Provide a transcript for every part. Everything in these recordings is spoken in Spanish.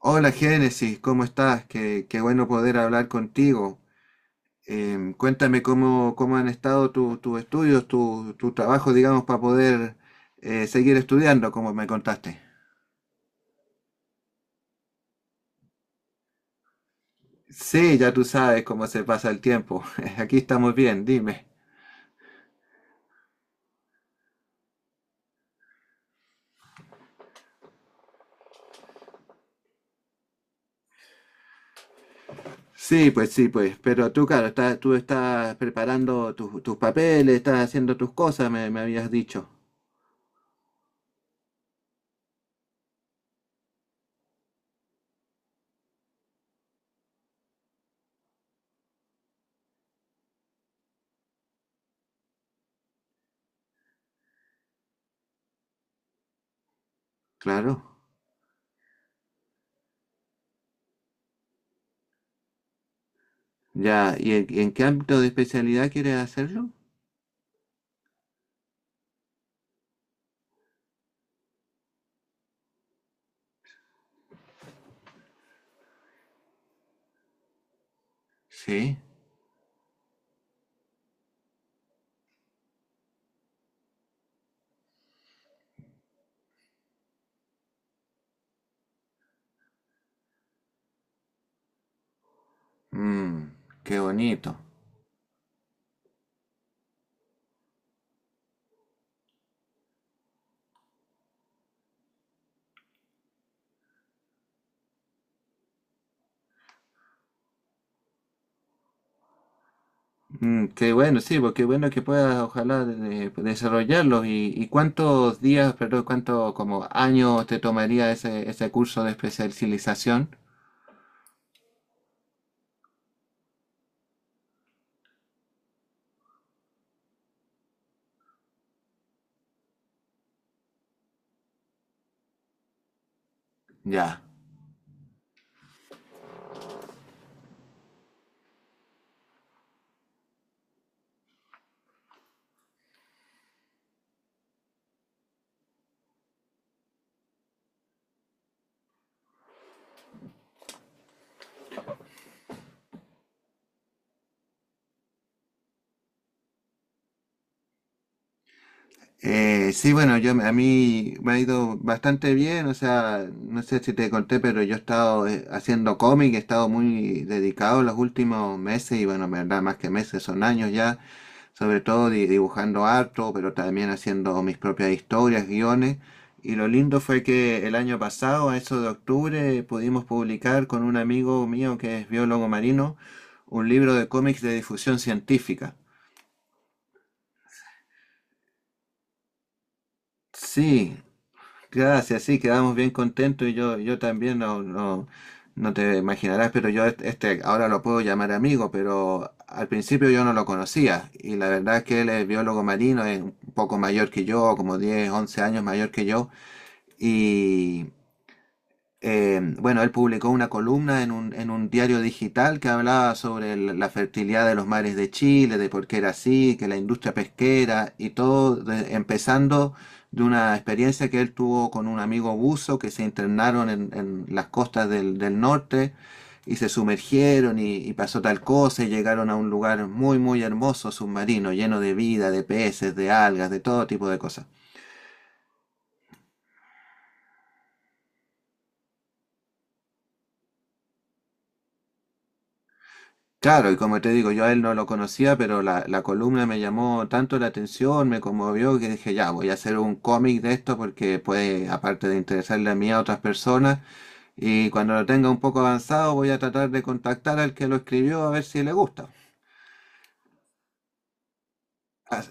Hola Génesis, ¿cómo estás? Qué bueno poder hablar contigo. Cuéntame cómo han estado tus estudios, tu trabajo, digamos, para poder seguir estudiando, como me contaste. Sí, ya tú sabes cómo se pasa el tiempo. Aquí estamos bien, dime. Sí, pues sí, pues. Pero tú, claro, estás, tú estás preparando tus papeles, estás haciendo tus cosas, me habías dicho. Claro. Ya, ¿y en qué ámbito de especialidad quieres hacerlo? Sí. Mm, qué bonito. Mm, qué bueno, sí, porque bueno que puedas ojalá desarrollarlos. Y cuántos días, perdón, cuántos como años te tomaría ese curso de especialización? Ya. Sí, bueno, yo a mí me ha ido bastante bien, o sea, no sé si te conté, pero yo he estado haciendo cómic, he estado muy dedicado los últimos meses y bueno, en verdad, más que meses, son años ya. Sobre todo dibujando harto, pero también haciendo mis propias historias, guiones. Y lo lindo fue que el año pasado, a eso de octubre, pudimos publicar con un amigo mío que es biólogo marino un libro de cómics de difusión científica. Sí. Gracias, sí, quedamos bien contentos y yo también no te imaginarás, pero yo este ahora lo puedo llamar amigo, pero al principio yo no lo conocía y la verdad es que él es biólogo marino, es un poco mayor que yo, como 10, 11 años mayor que yo y, bueno, él publicó una columna en un diario digital que hablaba sobre la fertilidad de los mares de Chile, de por qué era así, que la industria pesquera y todo, empezando de una experiencia que él tuvo con un amigo buzo que se internaron en las costas del norte y se sumergieron y pasó tal cosa y llegaron a un lugar muy, muy hermoso, submarino, lleno de vida, de peces, de algas, de todo tipo de cosas. Claro, y como te digo, yo a él no lo conocía, pero la columna me llamó tanto la atención, me conmovió, que dije, ya, voy a hacer un cómic de esto porque puede, aparte de interesarle a mí, a otras personas, y cuando lo tenga un poco avanzado voy a tratar de contactar al que lo escribió a ver si le gusta. Ah,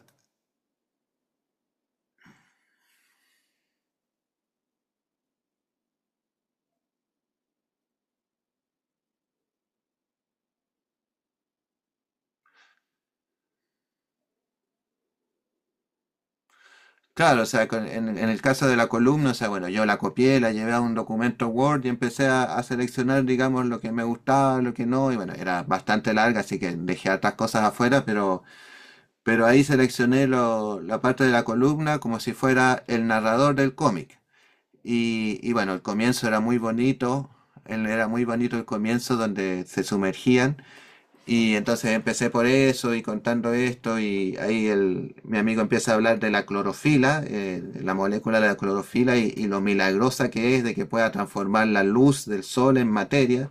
claro, o sea, en el caso de la columna, o sea, bueno, yo la copié, la llevé a un documento Word y empecé a seleccionar, digamos, lo que me gustaba, lo que no, y bueno, era bastante larga, así que dejé otras cosas afuera, pero ahí seleccioné la parte de la columna como si fuera el narrador del cómic. Y bueno, el comienzo era muy bonito el comienzo donde se sumergían. Y entonces empecé por eso y contando esto y ahí el, mi amigo empieza a hablar de la clorofila, la molécula de la clorofila y lo milagrosa que es de que pueda transformar la luz del sol en materia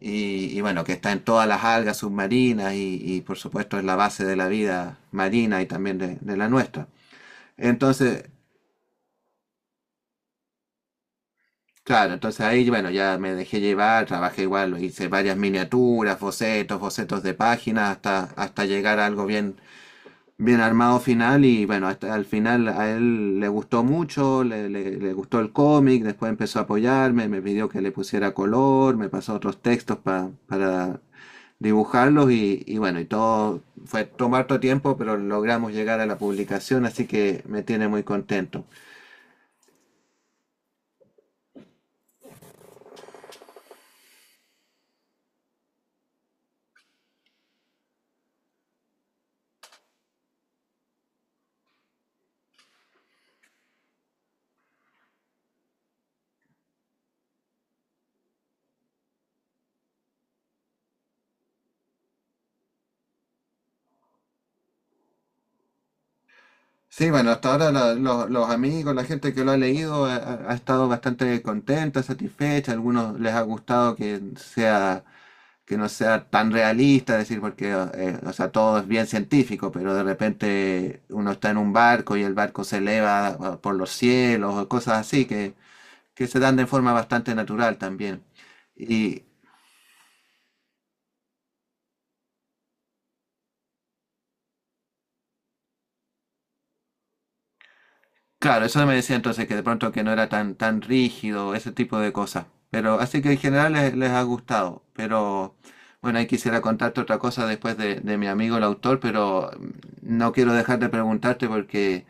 y bueno, que está en todas las algas submarinas y, por supuesto es la base de la vida marina y también de la nuestra. Entonces, claro, entonces ahí, bueno, ya me dejé llevar, trabajé igual, hice varias miniaturas, bocetos, bocetos de páginas hasta, hasta llegar a algo bien, bien armado final y bueno, hasta al final a él le gustó mucho, le, le gustó el cómic, después empezó a apoyarme, me pidió que le pusiera color, me pasó otros textos para dibujarlos y bueno, y todo fue tomar todo tiempo, pero logramos llegar a la publicación, así que me tiene muy contento. Sí, bueno, hasta ahora los amigos, la gente que lo ha leído ha, ha estado bastante contenta, satisfecha, a algunos les ha gustado que sea que no sea tan realista, es decir, porque o sea, todo es bien científico, pero de repente uno está en un barco y el barco se eleva ah, por los cielos o cosas así que se dan de forma bastante natural también. Y, claro, eso me decía entonces que de pronto que no era tan tan rígido, ese tipo de cosas. Pero así que en general les, les ha gustado. Pero bueno, ahí quisiera contarte otra cosa después de mi amigo el autor, pero no quiero dejar de preguntarte porque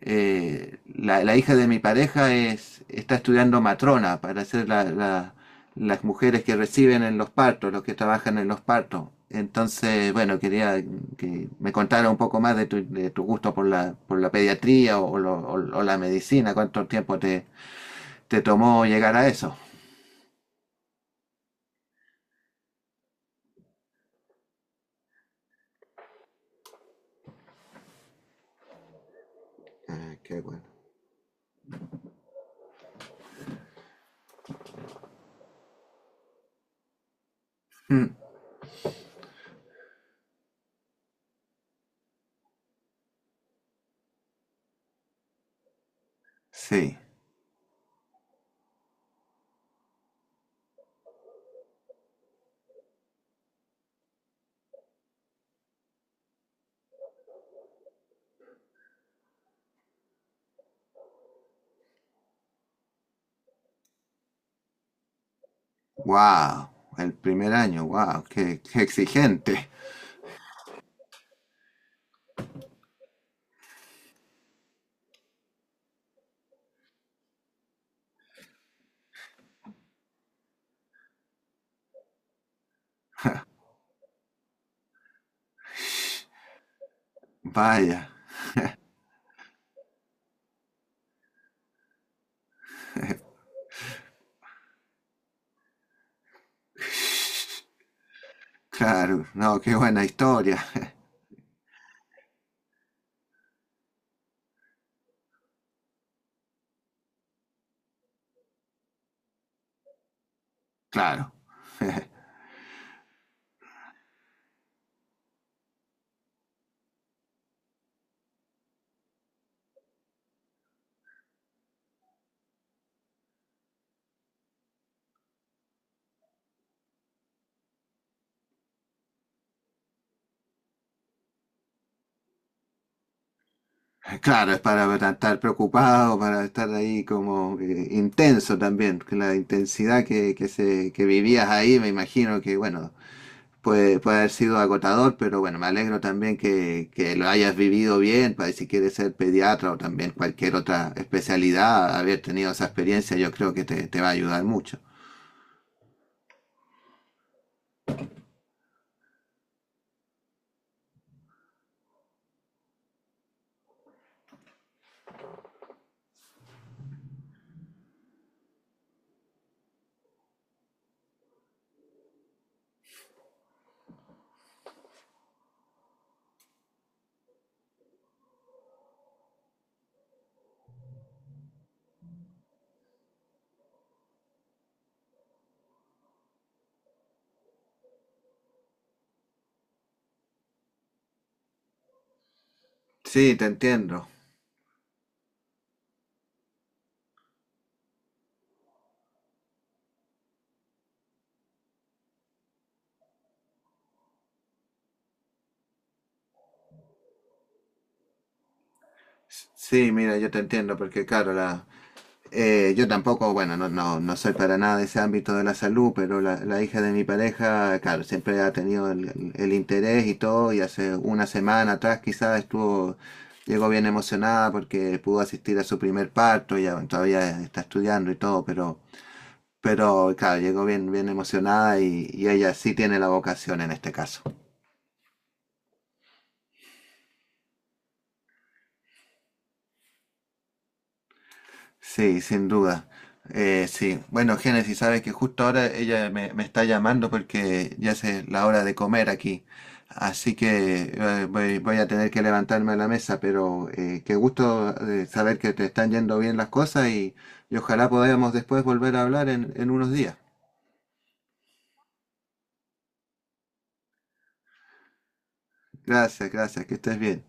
la, la hija de mi pareja es, está estudiando matrona para ser las mujeres que reciben en los partos, los que trabajan en los partos. Entonces, bueno, quería que me contara un poco más de tu gusto por la pediatría o, o la medicina, cuánto tiempo te, te tomó llegar a eso. Ah, qué bueno. Mm, sí, wow, el primer año, wow, qué, qué exigente. Vaya, claro, no, qué buena historia. Claro. Claro, es para estar preocupado, para estar ahí como intenso también, que la intensidad que, se, que vivías ahí, me imagino que, bueno, puede, puede haber sido agotador, pero bueno, me alegro también que lo hayas vivido bien, para si quieres ser pediatra o también cualquier otra especialidad, haber tenido esa experiencia, yo creo que te va a ayudar mucho. Sí, te entiendo. Sí, mira, yo te entiendo, porque claro, la, yo tampoco, bueno, no, no, no soy para nada de ese ámbito de la salud, pero la hija de mi pareja, claro, siempre ha tenido el, el interés y todo, y hace una semana atrás quizás estuvo, llegó bien emocionada porque pudo asistir a su primer parto, ya bueno, todavía está estudiando y todo, pero claro, llegó bien, bien emocionada y ella sí tiene la vocación en este caso. Sí, sin duda. Sí, bueno, Génesis, sabes que justo ahora ella me está llamando porque ya es la hora de comer aquí. Así que voy, voy a tener que levantarme a la mesa, pero qué gusto saber que te están yendo bien las cosas y ojalá podamos después volver a hablar en unos días. Gracias, gracias, que estés bien.